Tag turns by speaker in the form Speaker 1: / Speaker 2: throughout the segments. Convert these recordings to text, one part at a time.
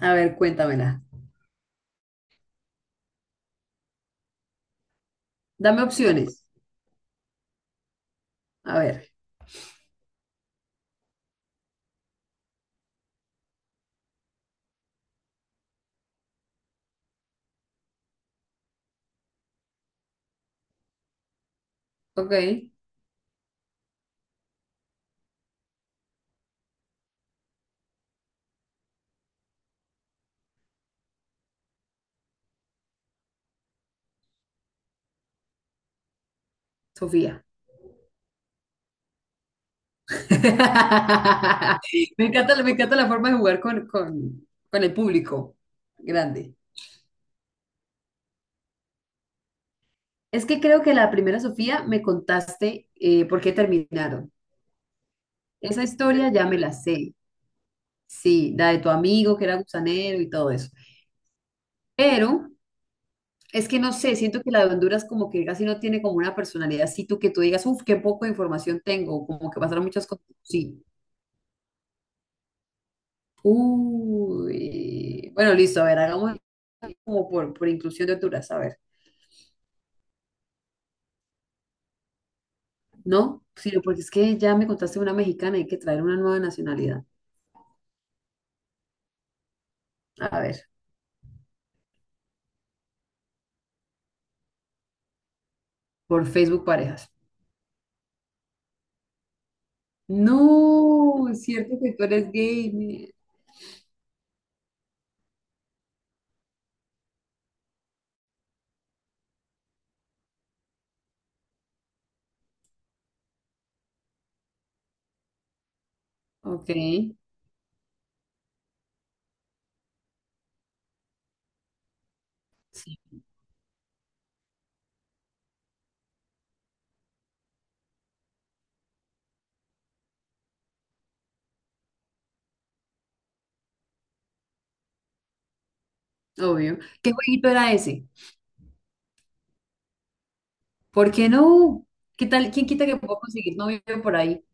Speaker 1: A ver, cuéntamela. Dame opciones. A ver, ok, Sofía. Me encanta, me encanta la forma de jugar con el público grande. Es que creo que la primera, Sofía, me contaste por qué terminaron. Esa historia ya me la sé. Sí, la de tu amigo que era gusanero y todo eso. Pero es que no sé, siento que la de Honduras como que casi no tiene como una personalidad así tú que tú digas, uff, qué poco de información tengo, como que pasaron muchas cosas. Sí. Uy, bueno, listo, a ver, hagamos como por, inclusión de alturas, a ver. No, sino porque es que ya me contaste una mexicana, hay que traer una nueva nacionalidad. A ver, por Facebook parejas. No, es cierto que tú eres gay. Ok, sí, obvio. ¿Qué jueguito era ese? ¿Por qué no? ¿Qué tal? ¿Quién quita que puedo conseguir novio por ahí?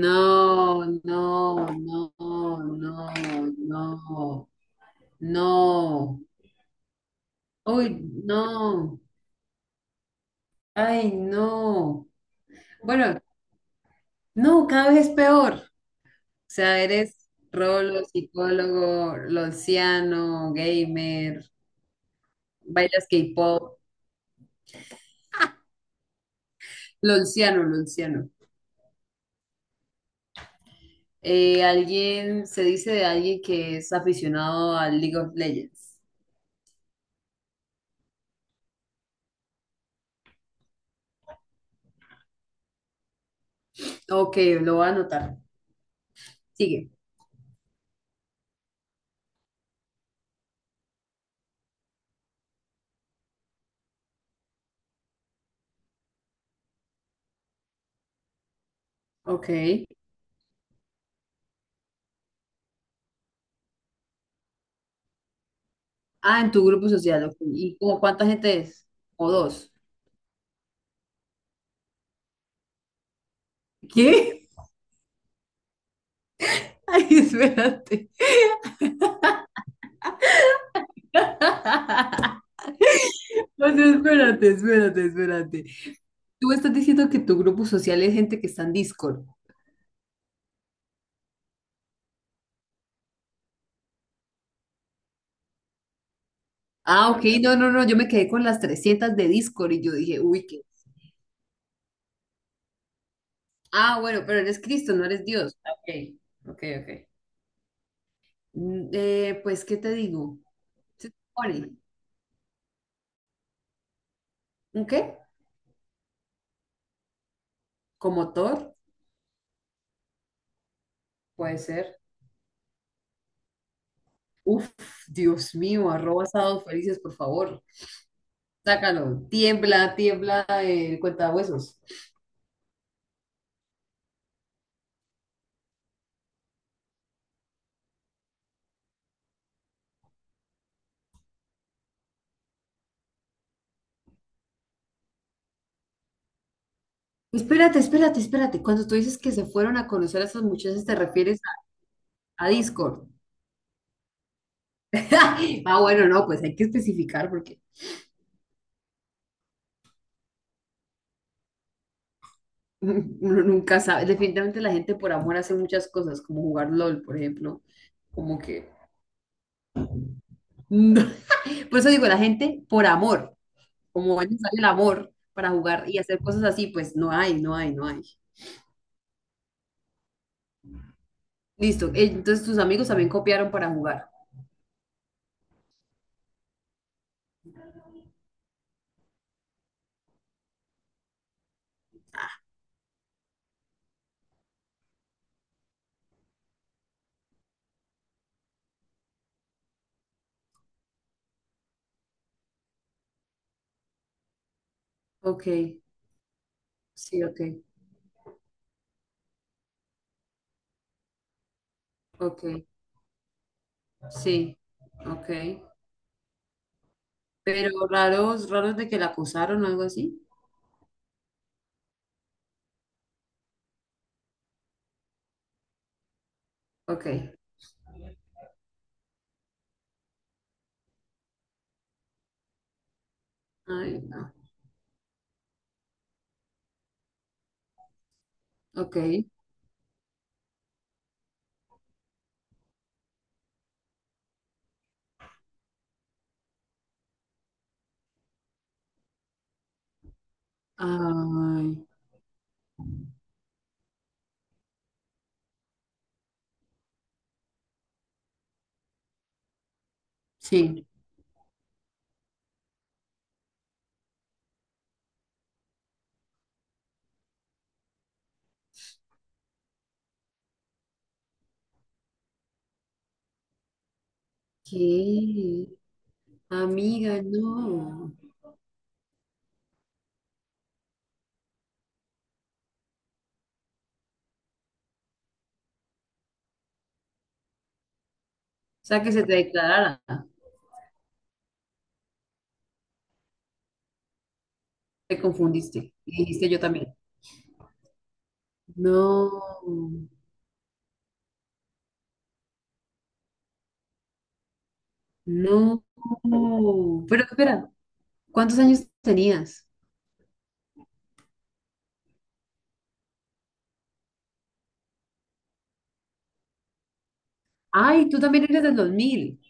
Speaker 1: No, no, no, no, no, no. Uy, no. Ay, no. Bueno, no, cada vez es peor. O sea, eres rolo, psicólogo, lolciano, gamer, bailas K-pop, lolciano, lolciano. Alguien, se dice de alguien que es aficionado al League of Legends. Ok, lo voy a anotar. Sigue. Ok. Ah, en tu grupo social, ok. ¿Y como cuánta gente es? ¿O dos? ¿Qué? Ay, espérate. No, no, espérate, espérate, espérate. Tú estás diciendo que tu grupo social es gente que está en Discord. Ah, ok, no, no, no, yo me quedé con las 300 de Discord y yo dije, uy, qué. Ah, bueno, pero eres Cristo, no eres Dios. Ah, ok, ok, ok. Pues, ¿qué te digo? Se supone, ¿un qué? ¿Como Thor? Puede ser. Uf, Dios mío, @sábadosfelices, por favor. Sácalo, tiembla, tiembla, cuenta huesos. Espérate, espérate, espérate. Cuando tú dices que se fueron a conocer a esas muchachas, ¿te refieres a, Discord? Ah, bueno, no, pues hay que especificar porque uno nunca sabe. Definitivamente la gente por amor hace muchas cosas, como jugar LOL, por ejemplo, como que. Por eso digo, la gente por amor, como a ellos sale el amor para jugar y hacer cosas así, pues no hay, no hay, no hay. Listo, entonces tus amigos también copiaron para jugar. Ok, sí, ok, ok, sí, ok. Pero raros, raros de que la acosaron o algo así. Ok, ay, no, ok, ay, sí. ¿Qué? Amiga, no. O sea, que se te declarara. Te confundiste. Y dijiste yo también. No, no. Pero espera, ¿cuántos años tenías? Ay, tú también eres del 2000,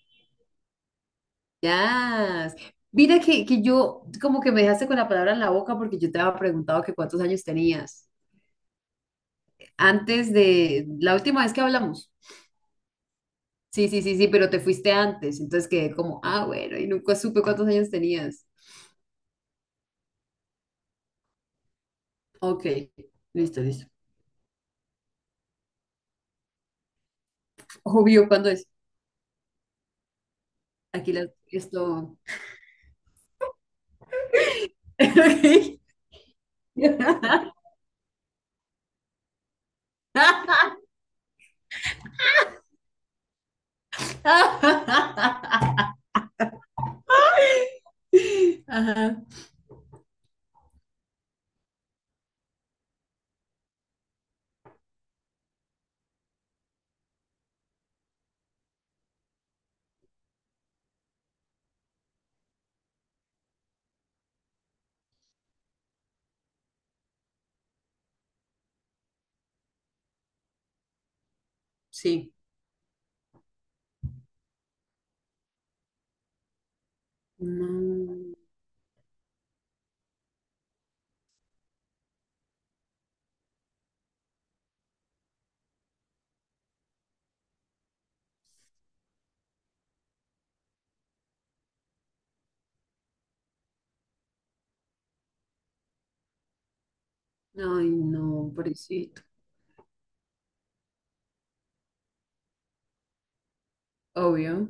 Speaker 1: ya. Mira que, yo, como que me dejaste con la palabra en la boca porque yo te había preguntado que cuántos años tenías. Antes de la última vez que hablamos. Sí, sí, sí, sí, pero te fuiste antes. Entonces quedé como, ah, bueno, y nunca supe cuántos años tenías. Ok, listo, listo. Obvio, ¿cuándo es? Aquí la, esto. Ok. Ajá, sí. No, ay, no, pobrecito. Obvio.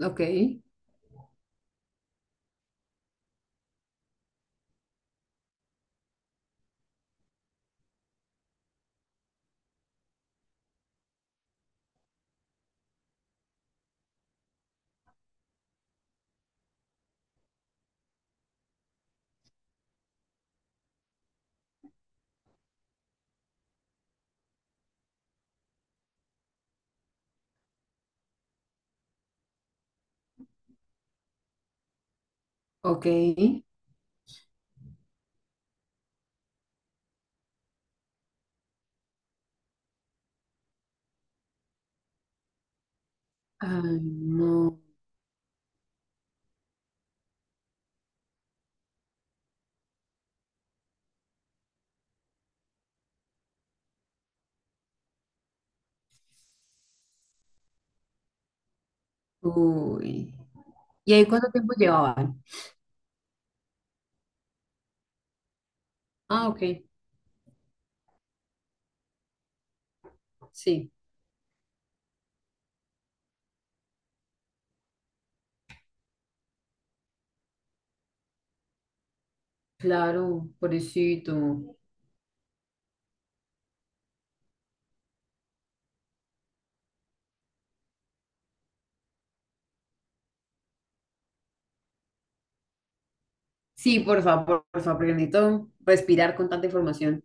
Speaker 1: Ok, ok. Ay, no. Uy. ¿Y ahí cuánto tiempo llevaban? Ah, ok, sí. Claro, pobrecito. Sí, por favor, porque necesito respirar con tanta información.